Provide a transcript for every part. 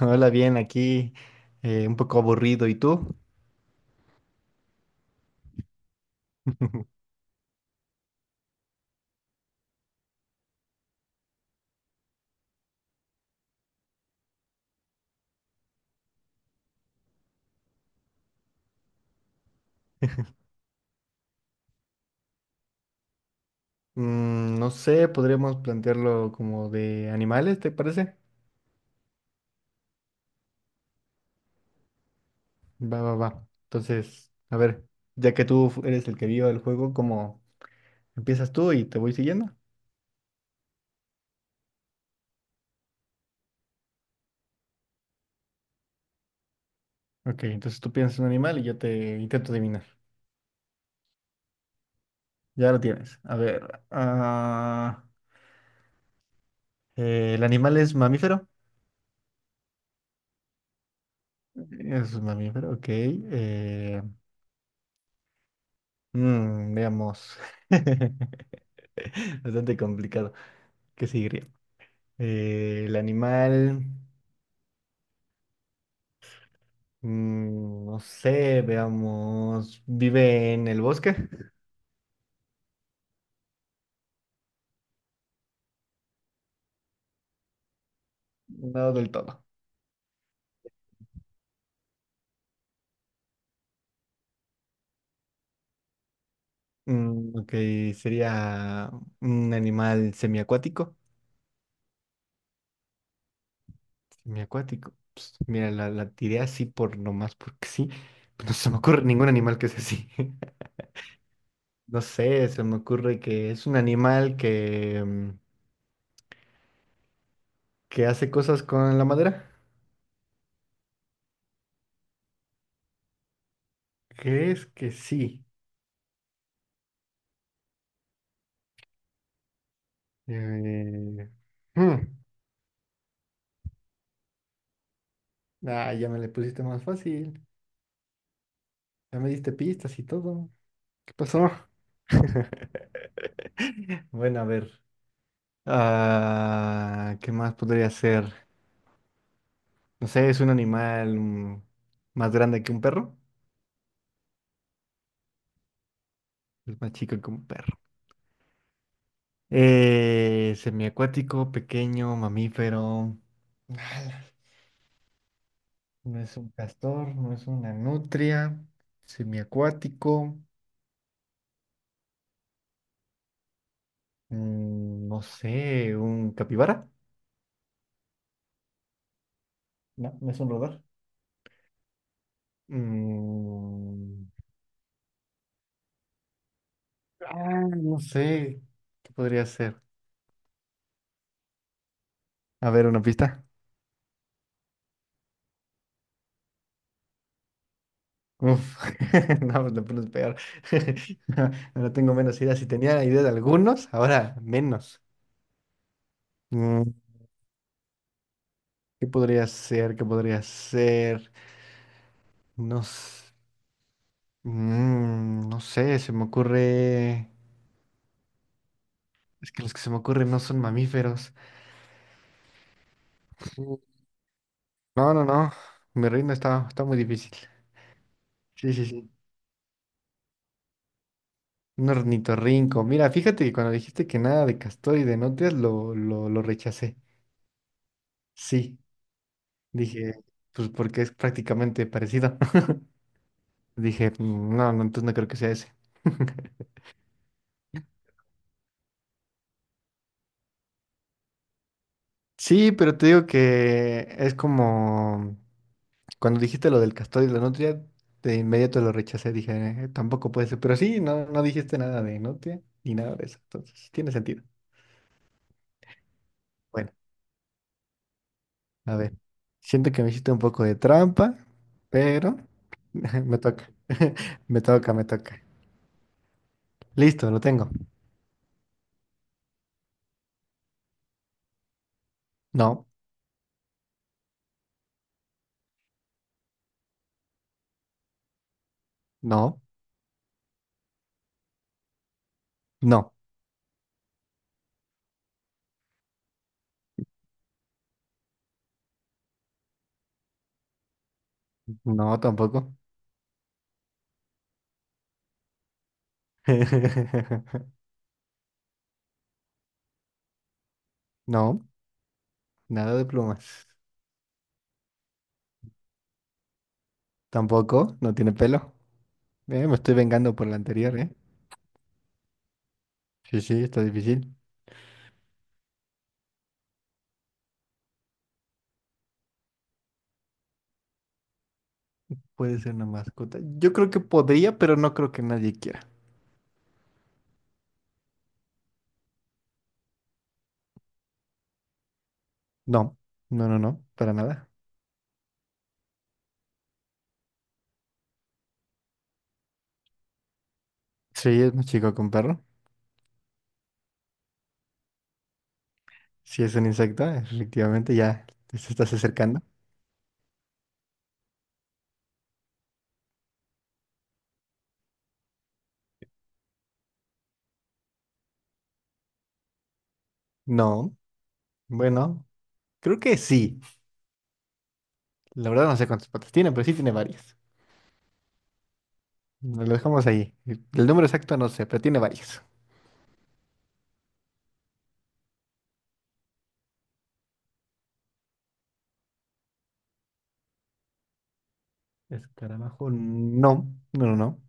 Hola, bien, aquí un poco aburrido. ¿Y tú? Mm, no sé, podríamos plantearlo como de animales, ¿te parece? Va, va, va. Entonces, a ver, ya que eres el que vio el juego, ¿cómo empiezas tú y te voy siguiendo? Ok, entonces tú piensas en un animal y yo te intento adivinar. Ya lo tienes. A ver, ah, ¿el animal es mamífero? Es un mamífero, ok. Mm, veamos. Bastante complicado. ¿Qué sigue? Eh, el animal, no sé, veamos, vive en el bosque. No del todo. Mm, ok, sería un animal semiacuático. Semiacuático. Ps, mira, la tiré así por nomás porque sí. Pues no se me ocurre ningún animal que sea así. No sé, se me ocurre que es un animal que que hace cosas con la madera. ¿Crees que sí? Eh, hmm, Ah, ya me le pusiste más fácil. Ya me diste pistas y todo. ¿Qué pasó? Bueno, a ver. Ah, ¿qué más podría ser? No sé, es un animal más grande que un perro. Es más chico que un perro. Semiacuático, pequeño, mamífero. Ala, no es un castor, no es una nutria. Semiacuático. Mm, no sé, un capibara. No, no es un roedor. Mm, ah, no sé. ¿Qué podría ser? A ver, una pista. Uf, no, pues la pones peor. Ahora tengo menos ideas. Si tenía idea de algunos, ahora menos. Mm, ¿qué podría ser? ¿Qué podría ser? No, s- no sé, se me ocurre. Es que los que se me ocurren no son mamíferos. Mm, no, no, no. Mi reino está muy difícil. Sí, sí, sí. Un ornitorrinco. Mira, fíjate que cuando dijiste que nada de castor y de nutrias, lo rechacé. Sí, dije, pues porque es prácticamente parecido. Dije, "Mm, no, no, entonces no creo que sea ese." Sí, pero te digo que es como cuando dijiste lo del castor y la nutria, de inmediato lo rechacé, dije, tampoco puede ser, pero sí, no, no dijiste nada de nutria ni nada de eso, entonces tiene sentido." Bueno, a ver, siento que me hiciste un poco de trampa, pero me toca, me toca, me toca. Listo, lo tengo. No, no, no, no, tampoco. No, nada de plumas. Tampoco, no tiene pelo. Me estoy vengando por la anterior, ¿eh? Sí, sí, está difícil. Puede ser una mascota. Yo creo que podría, pero no creo que nadie quiera. No, no, no, no, para nada. Sí, es un chico con perro. Sí, es un insecto, efectivamente, ya te se estás acercando. No, bueno, creo que sí. La verdad no sé cuántas patas tiene, pero sí tiene varias. Nos lo dejamos ahí. El número exacto no sé, pero tiene varias. Escarabajo, no, no, no, no.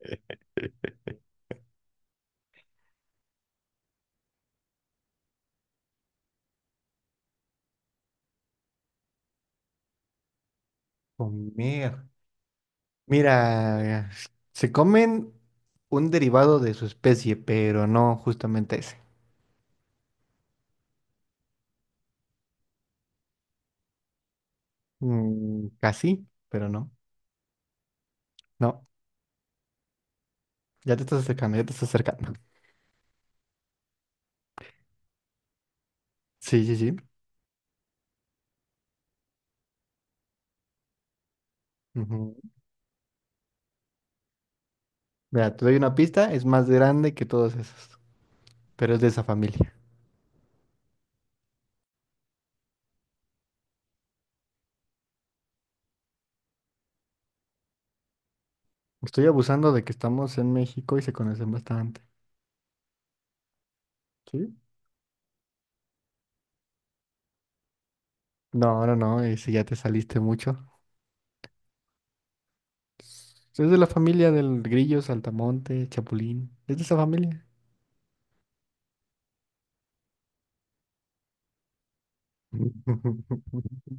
Comer. Mira, se comen un derivado de su especie, pero no justamente ese. Mm, casi, pero no. No, ya te estás acercando, ya te estás acercando. Sí, sí, sí. Ujú. Mira, te doy una pista, es más grande que todos esos, pero es de esa familia. Estoy abusando de que estamos en México y se conocen bastante. ¿Sí? No, no, no, ese ya te saliste mucho. Es de la familia del grillo, saltamonte, chapulín. Es de esa familia.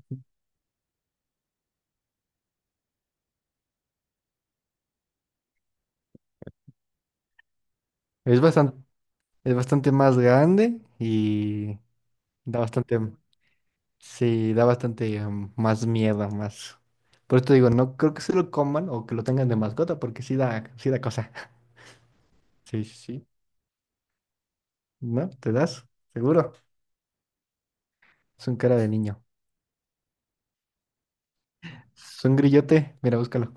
Es bastante, es bastante más grande y da bastante, sí, da bastante más miedo, más. Por eso te digo, no creo que se lo coman o que lo tengan de mascota, porque sí da, sí da cosa. Sí, sí, sí. ¿No? ¿Te das? Seguro. Es un cara de niño. Es un grillote. Mira, búscalo.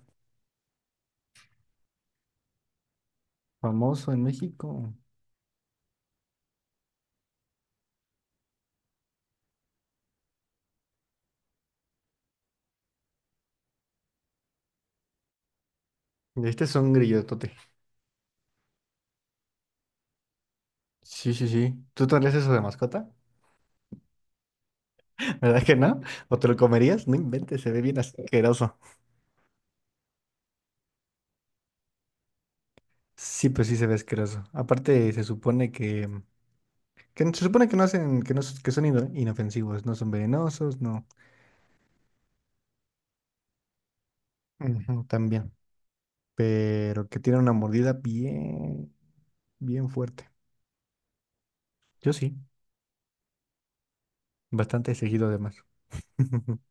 Famoso en México. Este es un grillotote. Sí, sí, sí. ¿Tú tendrías eso de mascota? ¿Verdad que no? ¿O te lo comerías? No inventes, se ve bien asqueroso. Sí, pues sí se ve asqueroso. Aparte, se supone que, se supone que no hacen, que son inofensivos, no son venenosos, no. Ujú, también. Pero que tienen una mordida bien, bien fuerte. Yo sí, bastante seguido además.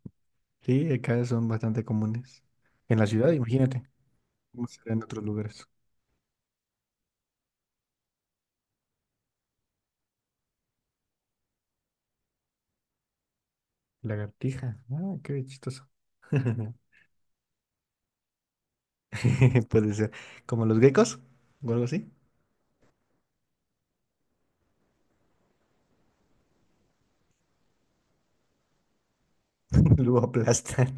Sí, acá son bastante comunes. En la ciudad, imagínate. ¿Cómo será en otros lugares? Lagartija. Ah, qué chistoso. Puede ser. Como los geckos o algo así. Luego aplastan.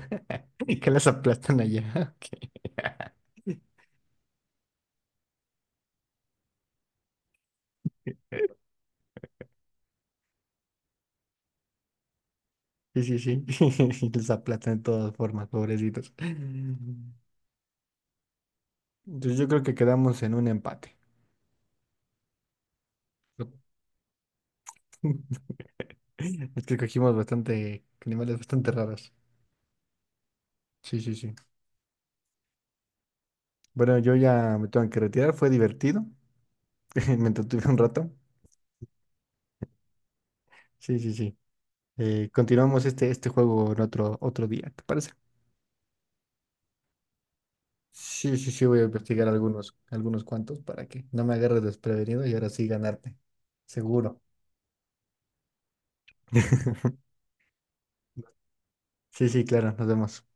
¿Que las aplastan allá? Sí, sí, sí. Les aplatan de todas formas, pobrecitos. Entonces yo creo que quedamos en un empate. Es que cogimos bastante animales bastante raros. Sí, sí, sí. Bueno, yo ya me tengo que retirar. Fue divertido. Me entretuve un rato. Sí, sí, sí. Continuamos este juego en otro día, ¿te parece? Sí, sí, sí. Voy a investigar algunos, algunos cuantos para que no me agarres desprevenido y ahora sí ganarte. Seguro. Sí, sí, claro. Nos vemos.